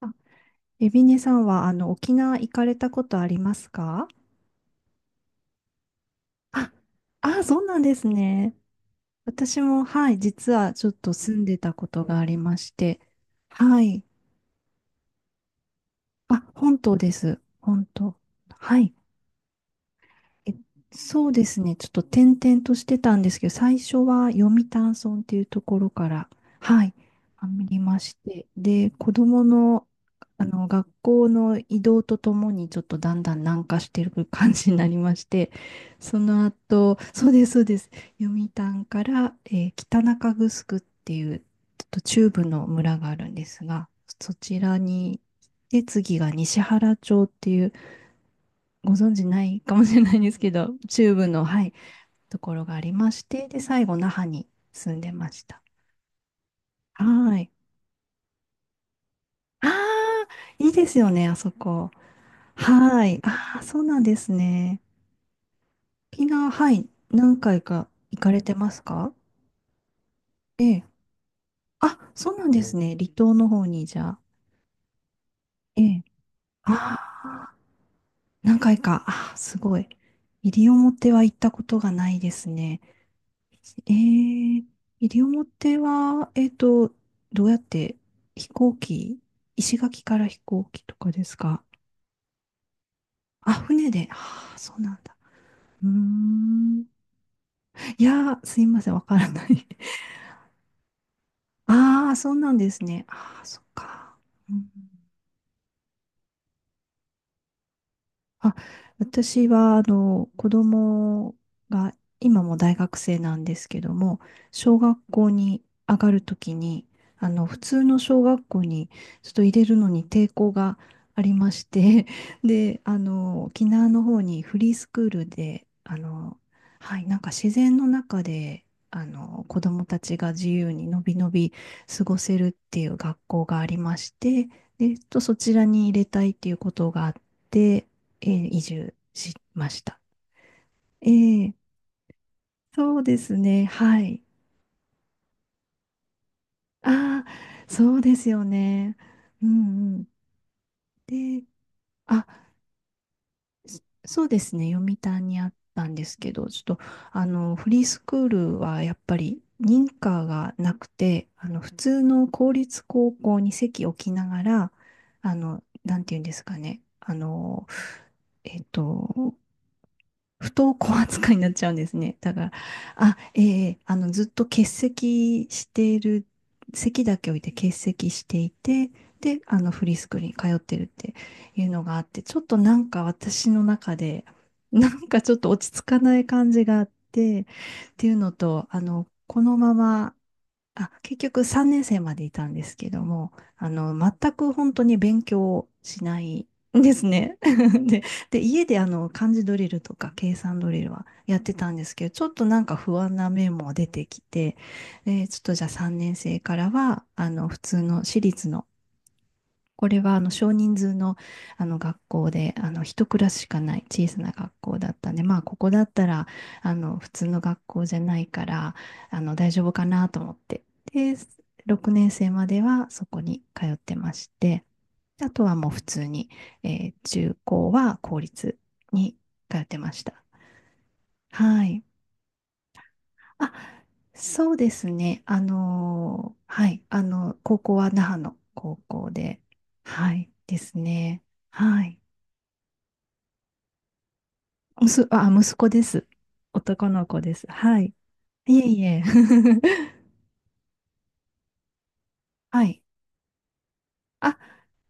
あ、エビネさんは、沖縄行かれたことありますか？あ、あ、そうなんですね。私も、はい、実はちょっと住んでたことがありまして、はい。あ、本島です。本島。はい。えそうですね。ちょっと転々としてたんですけど、最初は読谷村っていうところから、はい、ありまして、で、子供の、学校の移動とともに、ちょっとだんだん南下してる感じになりまして、その後、そうです、そうです。読谷から、北中城っていう、ちょっと中部の村があるんですが、そちらに、で、次が西原町っていう、ご存知ないかもしれないんですけど、中部の、はい、ところがありまして、で、最後、那覇に住んでました。はい。ああ、いいですよね、あそこ。はい。ああ、そうなんですね。沖縄、はい、何回か行かれてますか？ええ。あ、そうなんですね。離島の方に、じゃあ。ええ。ああ、何回か。ああ、すごい。西表は行ったことがないですね。えー、西表は、どうやって飛行機、石垣から飛行機とかですか？あ、船で。ああ、そうなんだ。うーん。いやー、すいません、わからない。ああ、そうなんですね。ああ、そっか。うん、あ、私は、子供が、今も大学生なんですけども、小学校に上がるときに、普通の小学校にちょっと入れるのに抵抗がありまして、で、沖縄の方にフリースクールで、はい、なんか自然の中で、子供たちが自由にのびのび過ごせるっていう学校がありまして、で、そちらに入れたいっていうことがあって、移住しました。えーそうですね。はい。ああ、そうですよね。うんうん。で、あ、そうですね。読谷にあったんですけど、ちょっと、フリースクールはやっぱり認可がなくて、普通の公立高校に籍を置きながら、なんていうんですかね。えっと、不登校扱いになっちゃうんですね。だから、あ、ええ、ずっと欠席している、席だけ置いて欠席していて、で、フリースクールに通ってるっていうのがあって、ちょっとなんか私の中で、なんかちょっと落ち着かない感じがあって、っていうのと、このまま、あ、結局3年生までいたんですけども、全く本当に勉強しないんですね。で、で、家であの、漢字ドリルとか計算ドリルはやってたんですけど、ちょっとなんか不安な面も出てきて、で、ちょっとじゃあ3年生からは、普通の私立の、これはあの少人数の、あの学校であの一クラスしかない小さな学校だったんで、まあ、ここだったらあの普通の学校じゃないからあの大丈夫かなと思って、で、6年生まではそこに通ってまして、あとはもう普通に、中高は公立に通ってました。はい。あ、そうですね。はい。高校は那覇の高校で、はい、ですね。はい。あ、息子です。男の子です。はい。いえいえ。はい。あ、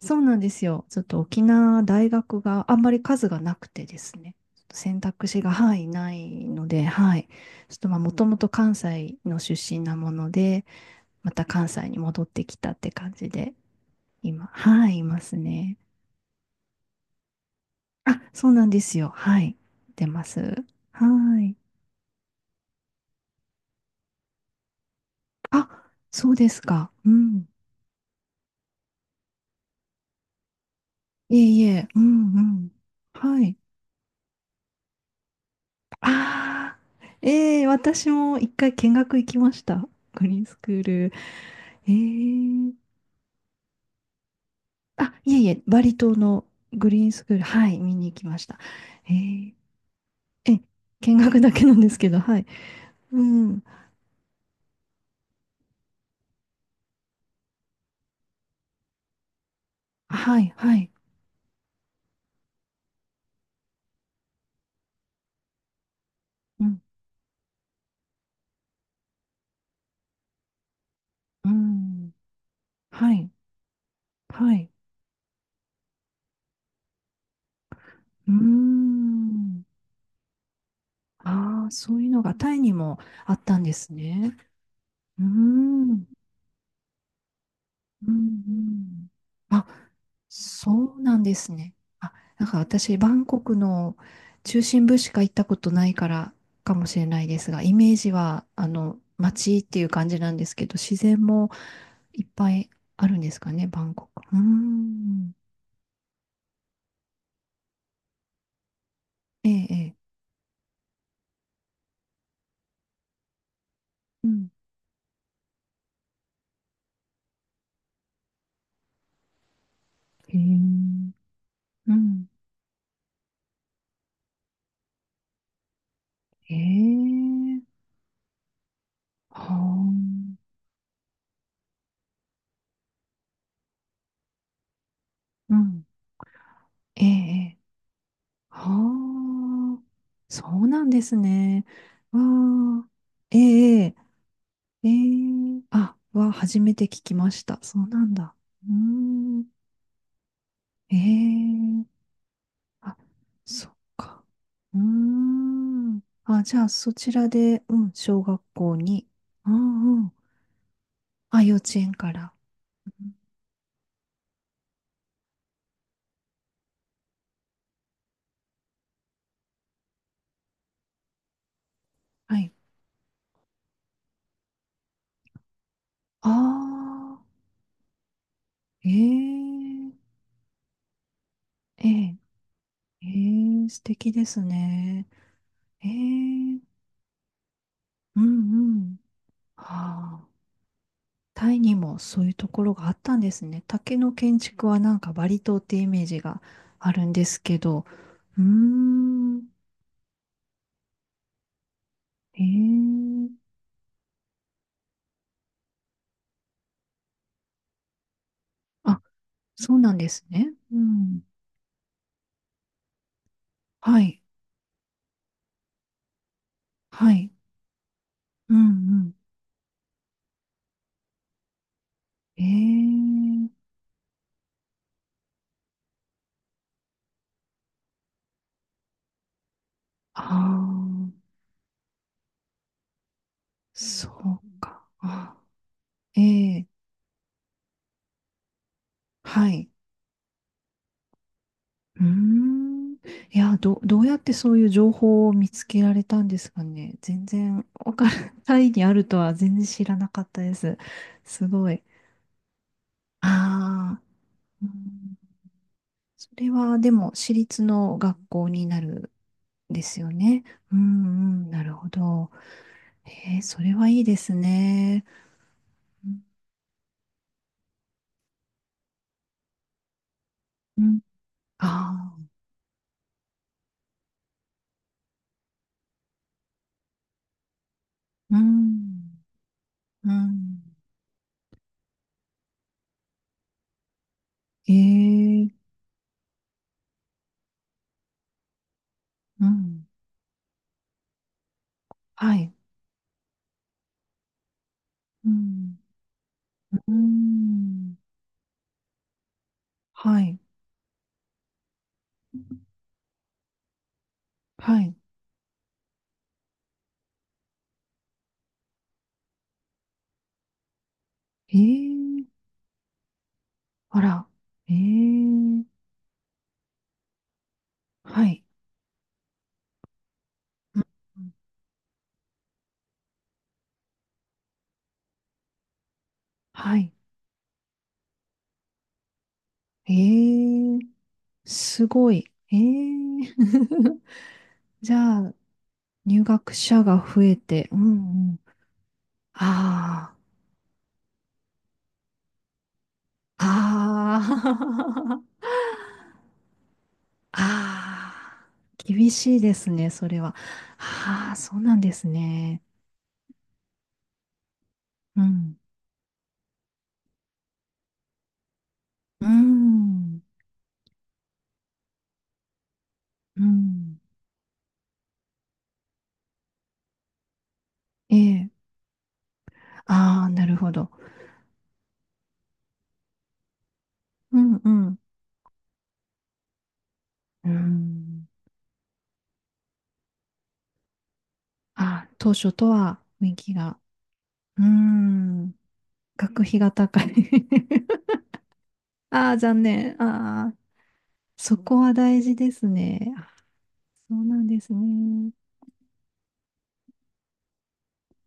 そうなんですよ。ちょっと沖縄大学があんまり数がなくてですね。ちょっと選択肢が、はい、ないので、はい。ちょっとまあ、もともと関西の出身なもので、また関西に戻ってきたって感じで、今、はい、いますね。あ、そうなんですよ。はい、出ます。はい。あ、そうですか。うん。いえいえ、うんうん。はい。ああ、ええ、私も一回見学行きました。グリーンスクール。ええ、あ、いえいえ、バリ島のグリーンスクール、はい、見に行きました。ええ、え見学だけなんですけど、はい。うん。はい、はい。うん、うん。はい、はい。うーん。ああ、そういうのがタイにもあったんですね。うーん。うんうん。あ、そうなんですね。あ、なんか私、バンコクの中心部しか行ったことないからかもしれないですが、イメージは、街っていう感じなんですけど、自然もいっぱいあるんですかね、バンコク。うーん。ええ、ええ。うん。へえ。うん。へえ。はあ。うん。ええ、ええ、はあ、そうなんですね。わあ、ええ、ええ、ええ、あ、は初めて聞きました。そうなんだ。うーん、ええ、あ、そっか。うーん、あ、じゃあそちらで、うん、小学校に、うんうん、あ、幼稚園から。うん、はい。ああ、ええ、ええ、ええ、素敵ですね。ええ、うんうん。はあ。タイにもそういうところがあったんですね。竹の建築はなんかバリ島ってイメージがあるんですけど。うーん。へえ。あ、そうなんですね。うん。はい。はい。うんうん。ええ。ああ。そうか。あ、ええ。はい。うーん。いや、どうやってそういう情報を見つけられたんですかね。全然、わからない、タイにあるとは全然知らなかったです。すごい。ああ、うん、それはでも、私立の学校になるんですよね。うんうん、なるほど。それはいいですね。うん、ああー、うん、うん。えー、うん、はい。うん、うん、はい。はい。ええ、あら。ええ、はい。うんうん、はい。ええ、すごい。ええ じゃあ、入学者が増えて、うんうん。ああ、ああ、ああ、厳しいですね、それは。ああ、そうなんですね。うん、うん、うん。ええ、ああ、なるほど。うん、うん、うん。あ、当初とは雰囲気が。うーん。学費が高い。 ああ、残念。ああ、そこは大事ですね。あ、そうなんですね。